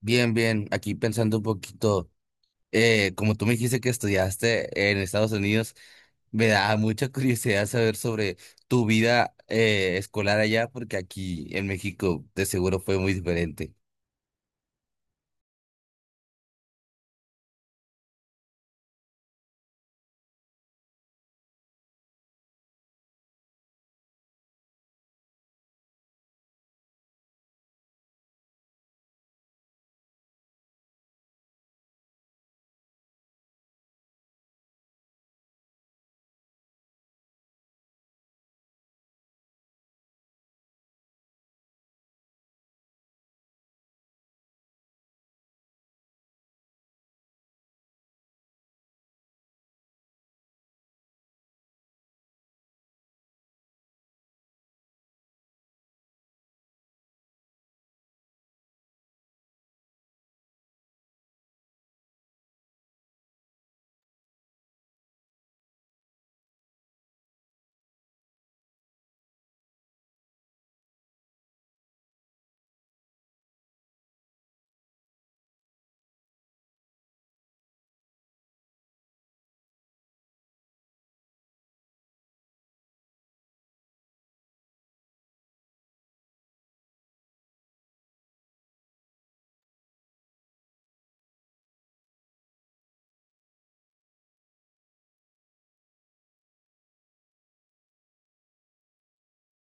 Bien, bien, aquí pensando un poquito, como tú me dijiste que estudiaste en Estados Unidos, me da mucha curiosidad saber sobre tu vida escolar allá, porque aquí en México de seguro fue muy diferente.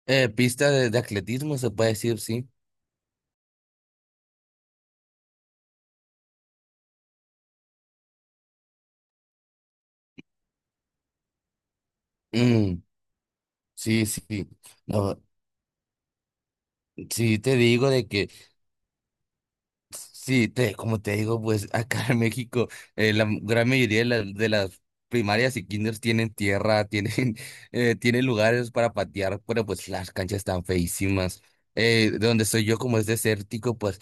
Pista de atletismo, se puede decir, sí. Mm, sí, sí. No, sí te digo de que. Sí, te, como te digo, pues acá en México la gran mayoría de las primarias y kinders tienen tierra, tienen, tienen lugares para patear, pero pues las canchas están feísimas. De donde soy yo, como es desértico, pues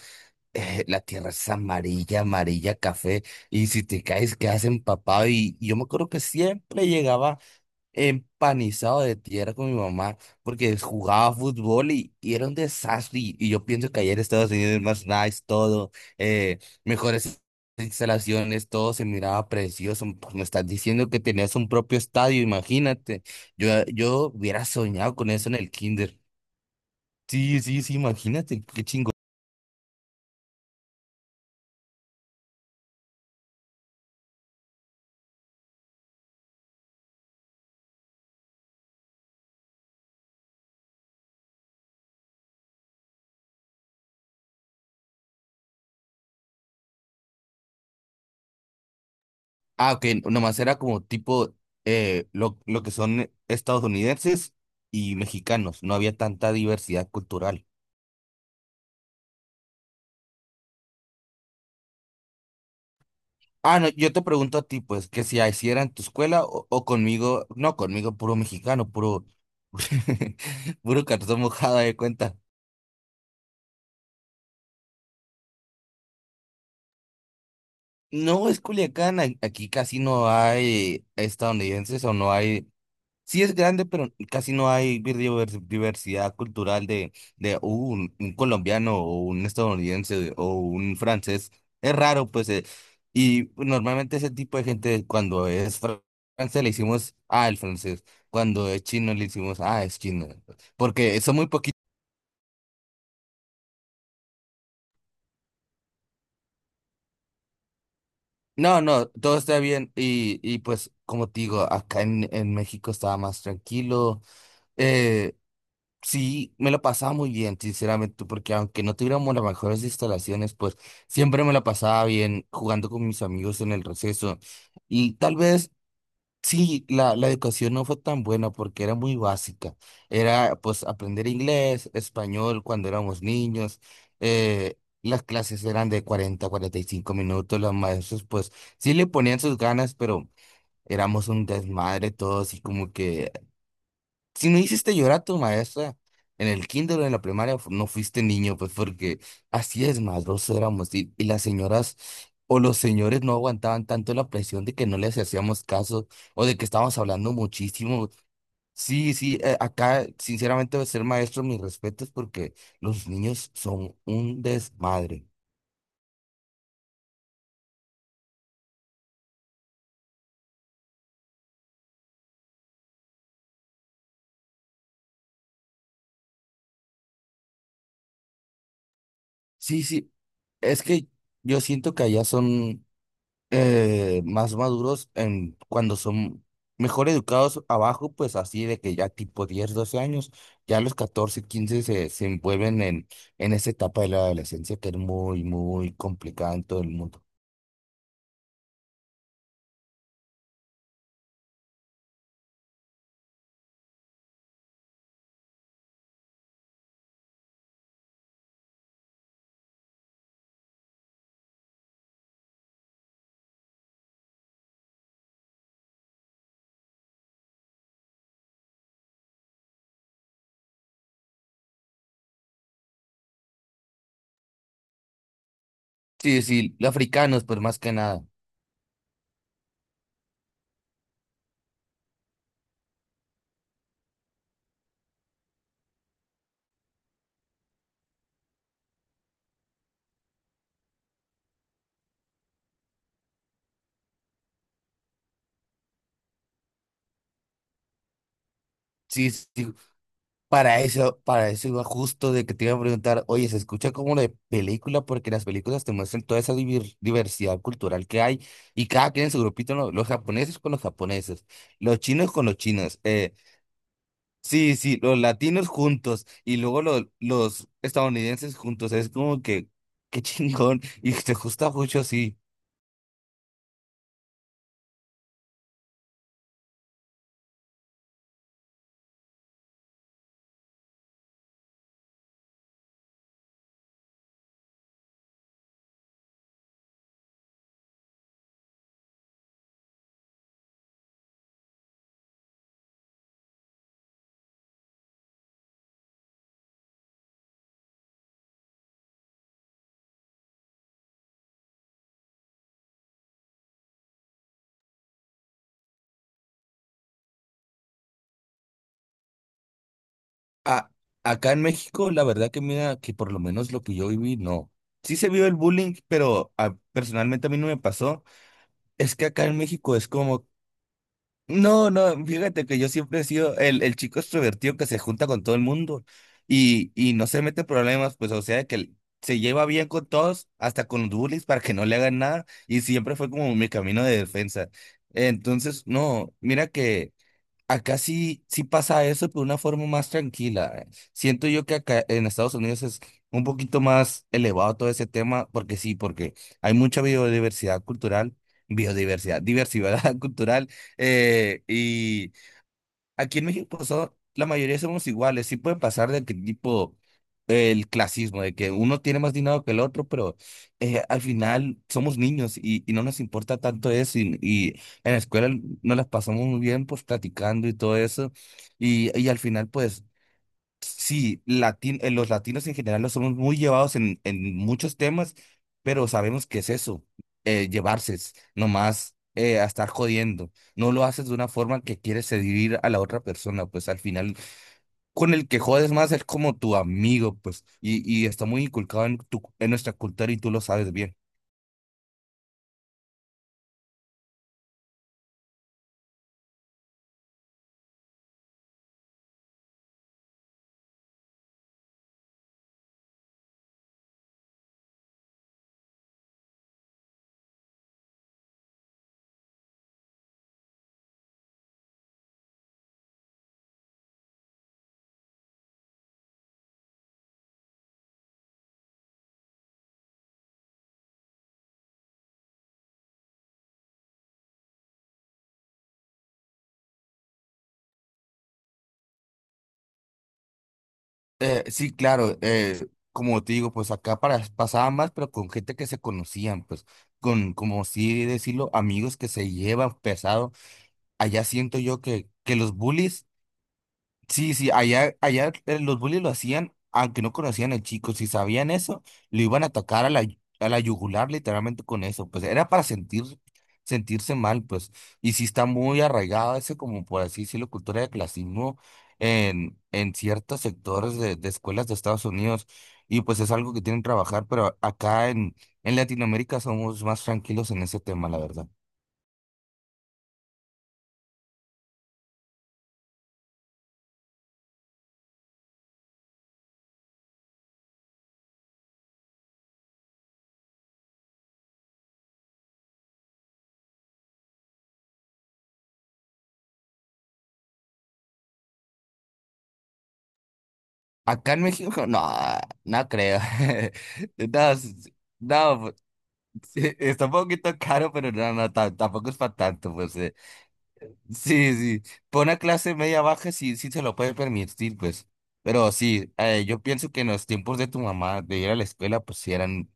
la tierra es amarilla, amarilla, café, y si te caes quedas empapado. Y yo me acuerdo que siempre llegaba empanizado de tierra con mi mamá porque jugaba fútbol y era un desastre. Y yo pienso que ayer Estados Unidos es más nice, todo, eh, mejores instalaciones, todo se miraba precioso. Pues me estás diciendo que tenías un propio estadio, imagínate. Yo hubiera soñado con eso en el kinder. Sí, sí, sí, imagínate, qué chingo. Ah, ok, nomás era como tipo lo que son estadounidenses y mexicanos, no había tanta diversidad cultural. Ah, no, yo te pregunto a ti, pues, que si así era en tu escuela o conmigo, no, conmigo puro mexicano, puro, puro cartón mojado de cuenta. No, es Culiacán, aquí casi no hay estadounidenses o no hay. Sí es grande, pero casi no hay diversidad cultural de un colombiano o un estadounidense o un francés. Es raro, pues, y normalmente ese tipo de gente cuando es francés le hicimos, ah, el francés. Cuando es chino le hicimos, ah, es chino. Porque son muy poquitos. No, no, todo está bien. Y pues, como te digo, acá en México estaba más tranquilo. eh, Sí, me lo pasaba muy bien, sinceramente, porque aunque no tuviéramos las mejores instalaciones, pues siempre me la pasaba bien jugando con mis amigos en el receso. Y tal vez sí, la educación no fue tan buena porque era muy básica. Era pues aprender inglés, español cuando éramos niños. Las clases eran de 40 45 minutos. Los maestros pues sí le ponían sus ganas, pero éramos un desmadre todos y como que si no hiciste llorar a tu maestra en el kinder o en la primaria, no fuiste niño, pues porque así es, maldoso éramos. Y las señoras o los señores no aguantaban tanto la presión de que no les hacíamos caso o de que estábamos hablando muchísimo. Sí, sí, acá sinceramente ser maestro, mis respetos, porque los niños son un desmadre. Sí, sí, es que yo siento que allá son… más maduros en cuando son mejor educados abajo, pues así de que ya tipo 10 12 años, ya a los 14 15 se envuelven en esa etapa de la adolescencia que es muy, muy complicada en todo el mundo. Sí, sí, los africanos, pues más que nada. Sí, sí, para eso, para eso iba justo de que te iba a preguntar, oye, se escucha como de película porque las películas te muestran toda esa diversidad cultural que hay y cada quien en su grupito, ¿no? Los japoneses con los japoneses, los chinos con los chinos, sí, sí, los latinos juntos y luego los estadounidenses juntos, es como que, qué chingón y te gusta mucho así. A- Acá en México, la verdad que mira, que por lo menos lo que yo viví, no. Sí se vio el bullying, pero personalmente a mí no me pasó. Es que acá en México es como, no, no, fíjate que yo siempre he sido el chico extrovertido que se junta con todo el mundo y no se mete en problemas, pues o sea que se lleva bien con todos, hasta con los bullies para que no le hagan nada y siempre fue como mi camino de defensa. Entonces, no, mira que… Acá sí, sí pasa eso, pero de una forma más tranquila. Siento yo que acá en Estados Unidos es un poquito más elevado todo ese tema, porque sí, porque hay mucha biodiversidad cultural, biodiversidad, diversidad cultural, y aquí en México la mayoría somos iguales, sí puede pasar de que tipo el clasismo, de que uno tiene más dinero que el otro, pero al final somos niños y no nos importa tanto eso. Y en la escuela nos las pasamos muy bien, pues platicando y todo eso. Y al final, pues sí, los latinos en general nos somos muy llevados en muchos temas, pero sabemos que es eso, llevarse, es nomás. A estar jodiendo, no lo haces de una forma que quieres seducir a la otra persona, pues al final con el que jodes más es como tu amigo, pues, y está muy inculcado en nuestra cultura y tú lo sabes bien. Sí, claro, como te digo, pues acá pasaba más, pero con gente que se conocían, pues, como sí decirlo, amigos que se llevan pesado. Allá siento yo que los bullies… Sí, sí, allá, allá los bullies lo hacían, aunque no conocían al chico, si sabían eso, lo iban a atacar a la, yugular literalmente con eso, pues era para sentir, sentirse mal, pues, y sí está muy arraigado ese, como por así decirlo, cultura de clasismo en ciertos sectores de escuelas de Estados Unidos, y pues es algo que tienen que trabajar, pero acá en Latinoamérica somos más tranquilos en ese tema, la verdad. Acá en México, no, no creo. No, no, sí, está un poquito caro, pero no, no, tampoco es para tanto, pues. Sí, sí, por una clase media baja sí, sí se lo puede permitir, pues. Pero sí, yo pienso que en los tiempos de tu mamá, de ir a la escuela, pues sí eran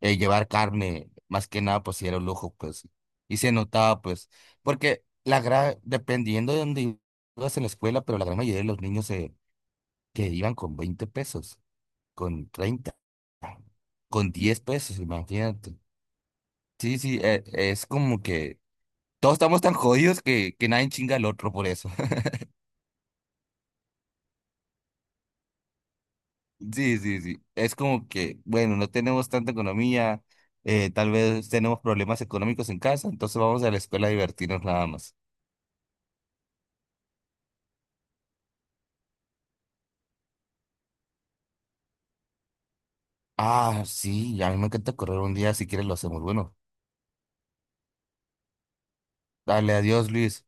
llevar carne, más que nada, pues sí era un lujo, pues. Y se notaba, pues, porque la gran, dependiendo de dónde ibas en la escuela, pero la gran mayoría de los niños que iban con 20 pesos, con 30 con 10 pesos, imagínate. Sí, sí, es como que todos estamos tan jodidos que nadie chinga al otro por eso. Sí, sí, sí. Es como que, bueno, no tenemos tanta economía, tal vez tenemos problemas económicos en casa, entonces vamos a la escuela a divertirnos nada más. Ah, sí, a mí me encanta correr un día, si quieres lo hacemos. Bueno, dale, adiós, Luis.